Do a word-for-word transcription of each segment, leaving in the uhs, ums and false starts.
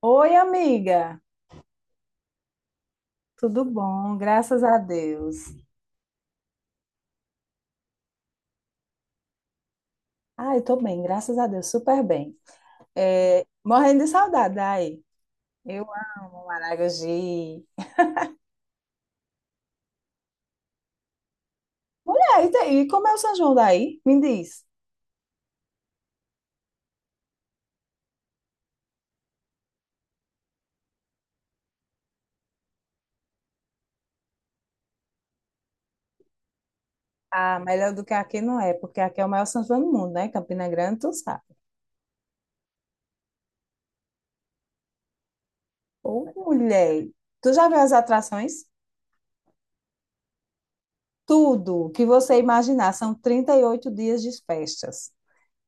Oi, amiga. Tudo bom? Graças a Deus. Ai, tô bem, graças a Deus, super bem. É, morrendo de saudade aí. Eu amo Maragogi. Mulher, e daí? Como é o São João daí? Me diz. Ah, melhor do que aqui não é, porque aqui é o maior São João do mundo, né? Campina Grande, tu sabe. Ô, mulher, tu já viu as atrações? Tudo que você imaginar, são trinta e oito dias de festas.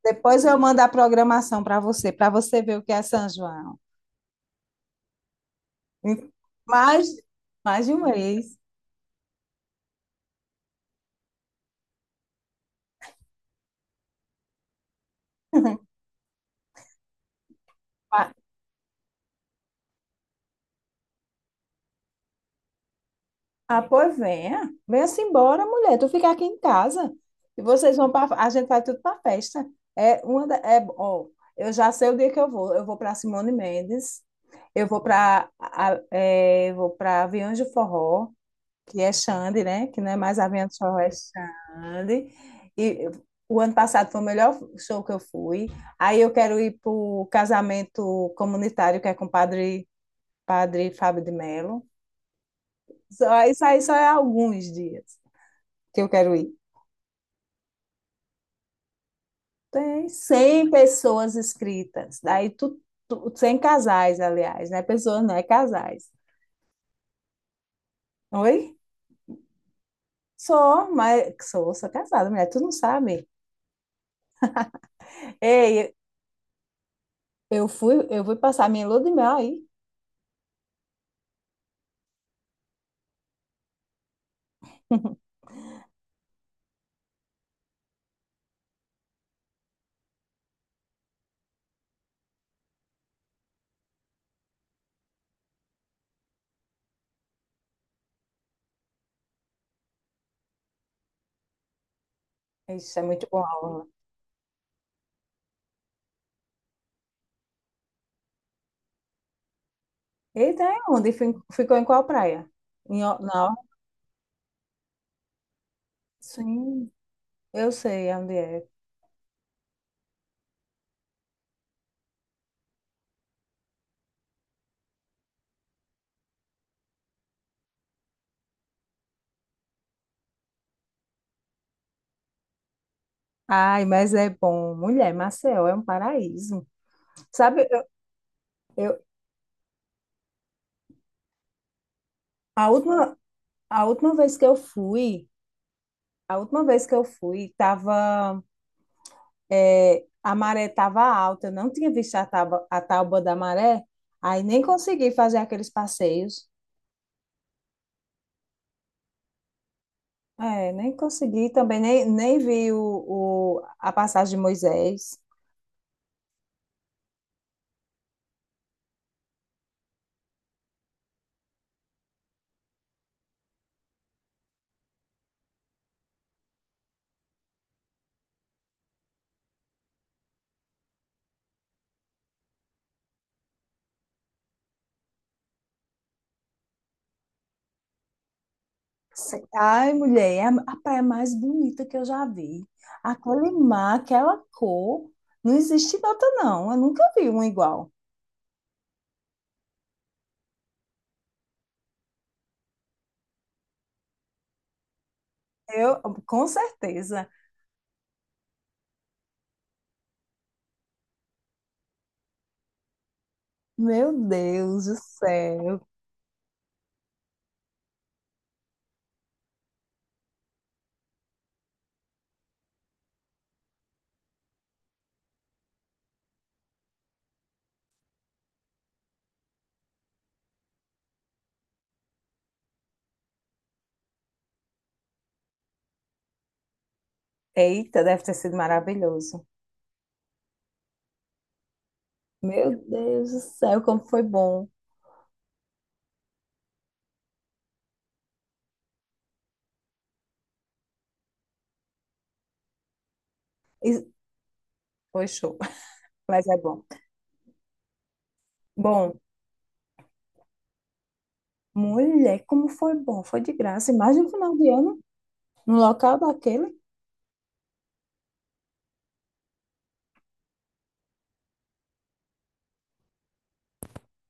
Depois eu mando a programação para você, para você ver o que é São João. Mais, mais de um mês. Ah, ah, pois venha. Venha-se embora, mulher. Tu fica aqui em casa. E vocês vão para. A gente vai tudo para festa. É uma da- é, ó, eu já sei o dia que eu vou. Eu vou para Simone Mendes. Eu vou para é, Vou para Aviões de Forró, que é Xande, né? Que não é mais Aviões de Forró, é Xande. E o ano passado foi o melhor show que eu fui. Aí eu quero ir para o casamento comunitário, que é com o padre Padre Fábio de Mello. Só, isso aí só é alguns dias que eu quero ir. Tem cem pessoas inscritas, daí tu, tu, cem casais, aliás, né? Pessoas, não é casais. Oi? Sou, mas sou, sou casada, mulher, tu não sabe. Ei, eu fui, eu fui passar minha lua de mel aí. Isso é muito bom. Orla. Eita, é onde? Fi- Ficou em qual praia? Em, Or- na Sim, eu sei onde é. Ai, mas é bom. Mulher, Maceió é um paraíso. Sabe, Eu, a última, a última vez que eu fui, a última vez que eu fui, tava, é, a maré tava alta, eu não tinha visto a tábua, a tábua da maré, aí nem consegui fazer aqueles passeios. É, nem consegui também, nem, nem vi o, o, a passagem de Moisés. Se- Ai, mulher, é a a praia mais bonita que eu já vi. Aquele mar, aquela cor, não existe outra, não. Eu nunca vi uma igual. Eu, com certeza. Meu Deus do céu. Eita, deve ter sido maravilhoso. Meu Deus do céu, como foi bom. E- Foi show, mas é bom. Bom, mulher, como foi bom. Foi de graça. Imagina o final de ano, no local daquele.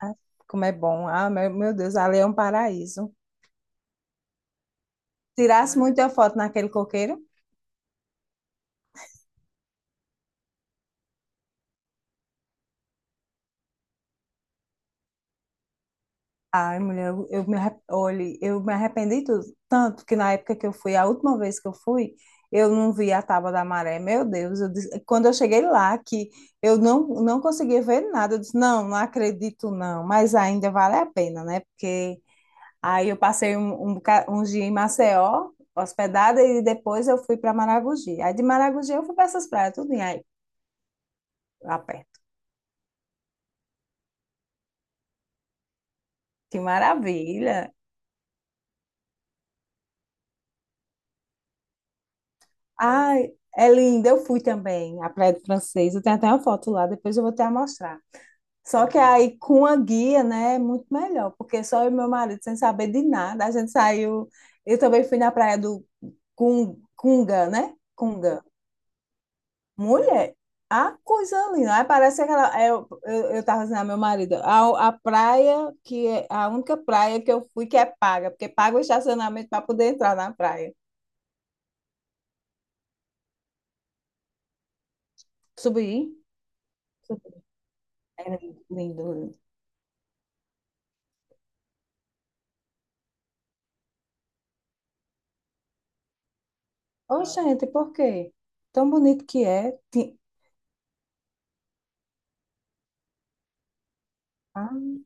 Ah, como é bom. Ah, meu, meu Deus, ali é um paraíso. Tirasse muita foto naquele coqueiro. Ai, mulher, eu, eu me, arre- olhe, eu me arrependi tudo. Tanto que na época que eu fui, a última vez que eu fui, eu não vi a Tábua da Maré. Meu Deus, eu disse- quando eu cheguei lá, que eu não, não conseguia ver nada, eu disse, não, não acredito não. Mas ainda vale a pena, né? Porque aí eu passei um, um, boca- um dia em Maceió, hospedada, e depois eu fui para Maragogi. Aí de Maragogi eu fui para essas praias, tudo em aí, lá perto. Que maravilha! Ai, é linda. Eu fui também à Praia do Francês. Eu tenho até uma foto lá, depois eu vou até mostrar. Só que aí com a guia, né, é muito melhor, porque só eu e meu marido, sem saber de nada, a gente saiu. Eu também fui na praia do Cun- Cunga, né? Cunga. Mulher, a coisa linda. Aí parece aquela. É, Eu, eu, eu tava dizendo ao meu marido, a, a praia que é a única praia que eu fui que é paga, porque paga o estacionamento para poder entrar na praia. Subir. Subir. É lindo, lindo. Ô, gente, por quê? Tão bonito que é. Ti- Ah,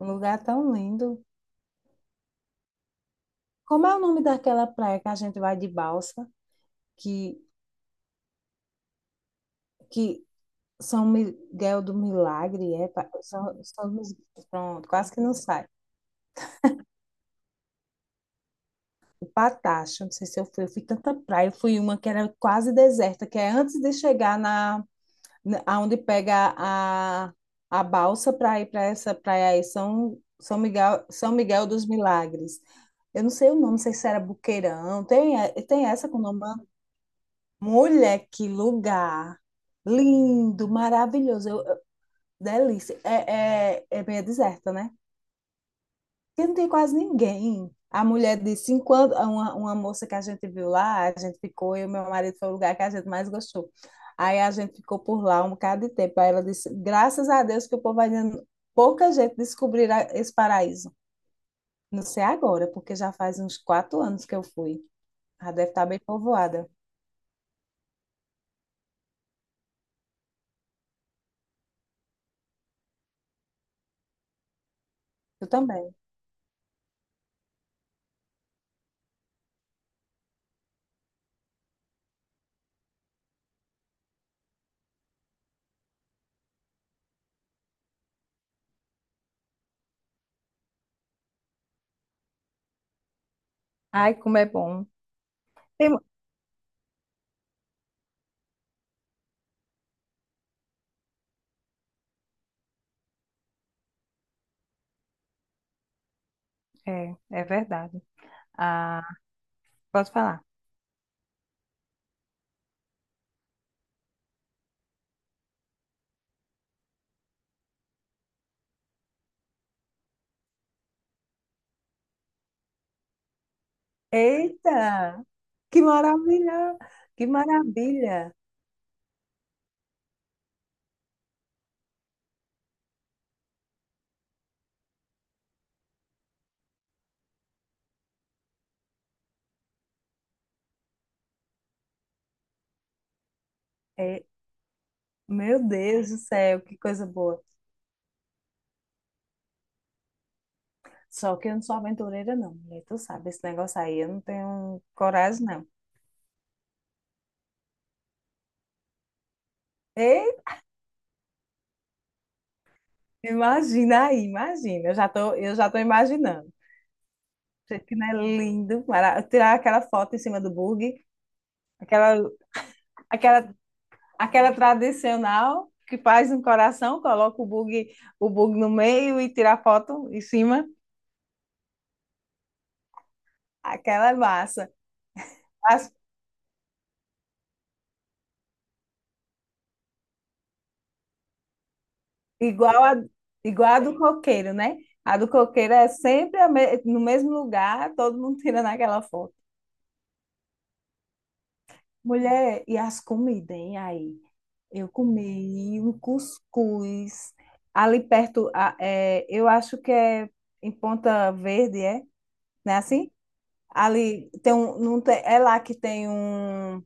um lugar tão lindo. Como é o nome daquela praia que a gente vai de balsa? Que, que São Miguel do Milagre, é? Pa- São, São, Mis- pronto, quase que não sai. O Patacho, não sei se eu fui. Eu fui tanta praia. Eu fui uma que era quase deserta, que é antes de chegar na n- aonde pega a, a balsa para ir para essa praia aí, São, São Miguel, São Miguel dos Milagres. Eu não sei o nome, não sei se era Buqueirão. Tem, e- tem essa com nome? Né? Mulher, que lugar! Lindo, maravilhoso, eu- eu- delícia. É, é, é meio deserta, né? Porque não tem quase ninguém. A mulher de cinquenta, uma, uma moça que a gente viu lá, a gente ficou, e o meu marido foi o lugar que a gente mais gostou. Aí a gente ficou por lá um bocado de tempo. Aí ela disse: graças a Deus que o povo ainda, pouca gente descobrirá esse paraíso. Não sei agora, porque já faz uns quatro anos que eu fui. Já deve estar bem povoada. Eu também. Ai, como é bom. Tem mu- É, é verdade. Ah, posso falar? Eita! Que maravilha! Que maravilha! É. Meu Deus do céu, que coisa boa. Só que eu não sou aventureira, não, mulher. Tu sabe, esse negócio aí eu não tenho coragem, não. Ei, imagina aí, imagina. Eu já tô, eu já tô imaginando. Gente, que não é lindo, mara- tirar aquela foto em cima do bug, aquela, aquela, aquela tradicional que faz um coração, coloca o bug, o bug no meio e tira a foto em cima. Aquela é massa. As Igual a, igual a do coqueiro, né? A do coqueiro é sempre a me- no mesmo lugar, todo mundo tirando aquela foto. Mulher, e as comidas, hein? Aí, eu comi um cuscuz ali perto, a- é, eu acho que é em Ponta Verde, é? Não é assim? Ali tem um, não tem, é lá que tem um,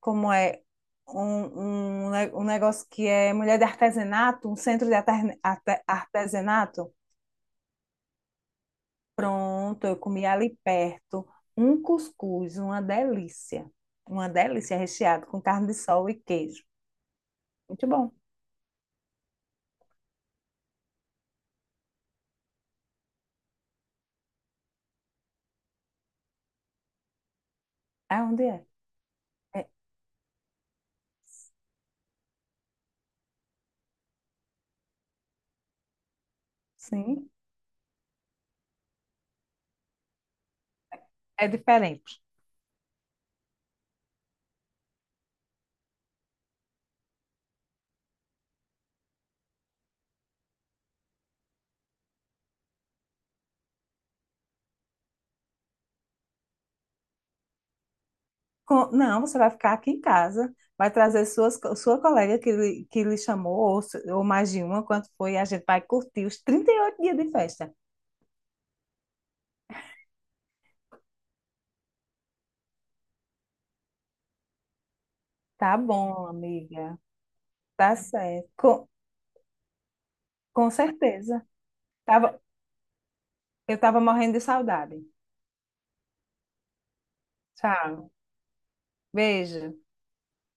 como é? Um, um, ne- um negócio que é mulher de artesanato, um centro de arte- arte- artesanato. Pronto, eu comi ali perto um cuscuz, uma delícia. Uma delícia recheado com carne de sol e queijo. Muito bom. É onde é? É, sim. É diferente. Com- não, você vai ficar aqui em casa, vai trazer suas, co- sua colega que lhe, que lhe chamou, ou, se- ou mais de uma, quanto foi, a gente vai curtir os trinta e oito dias de festa. Tá bom, amiga, tá certo, com, com certeza. Tava, eu tava morrendo de saudade. Tchau, beijo.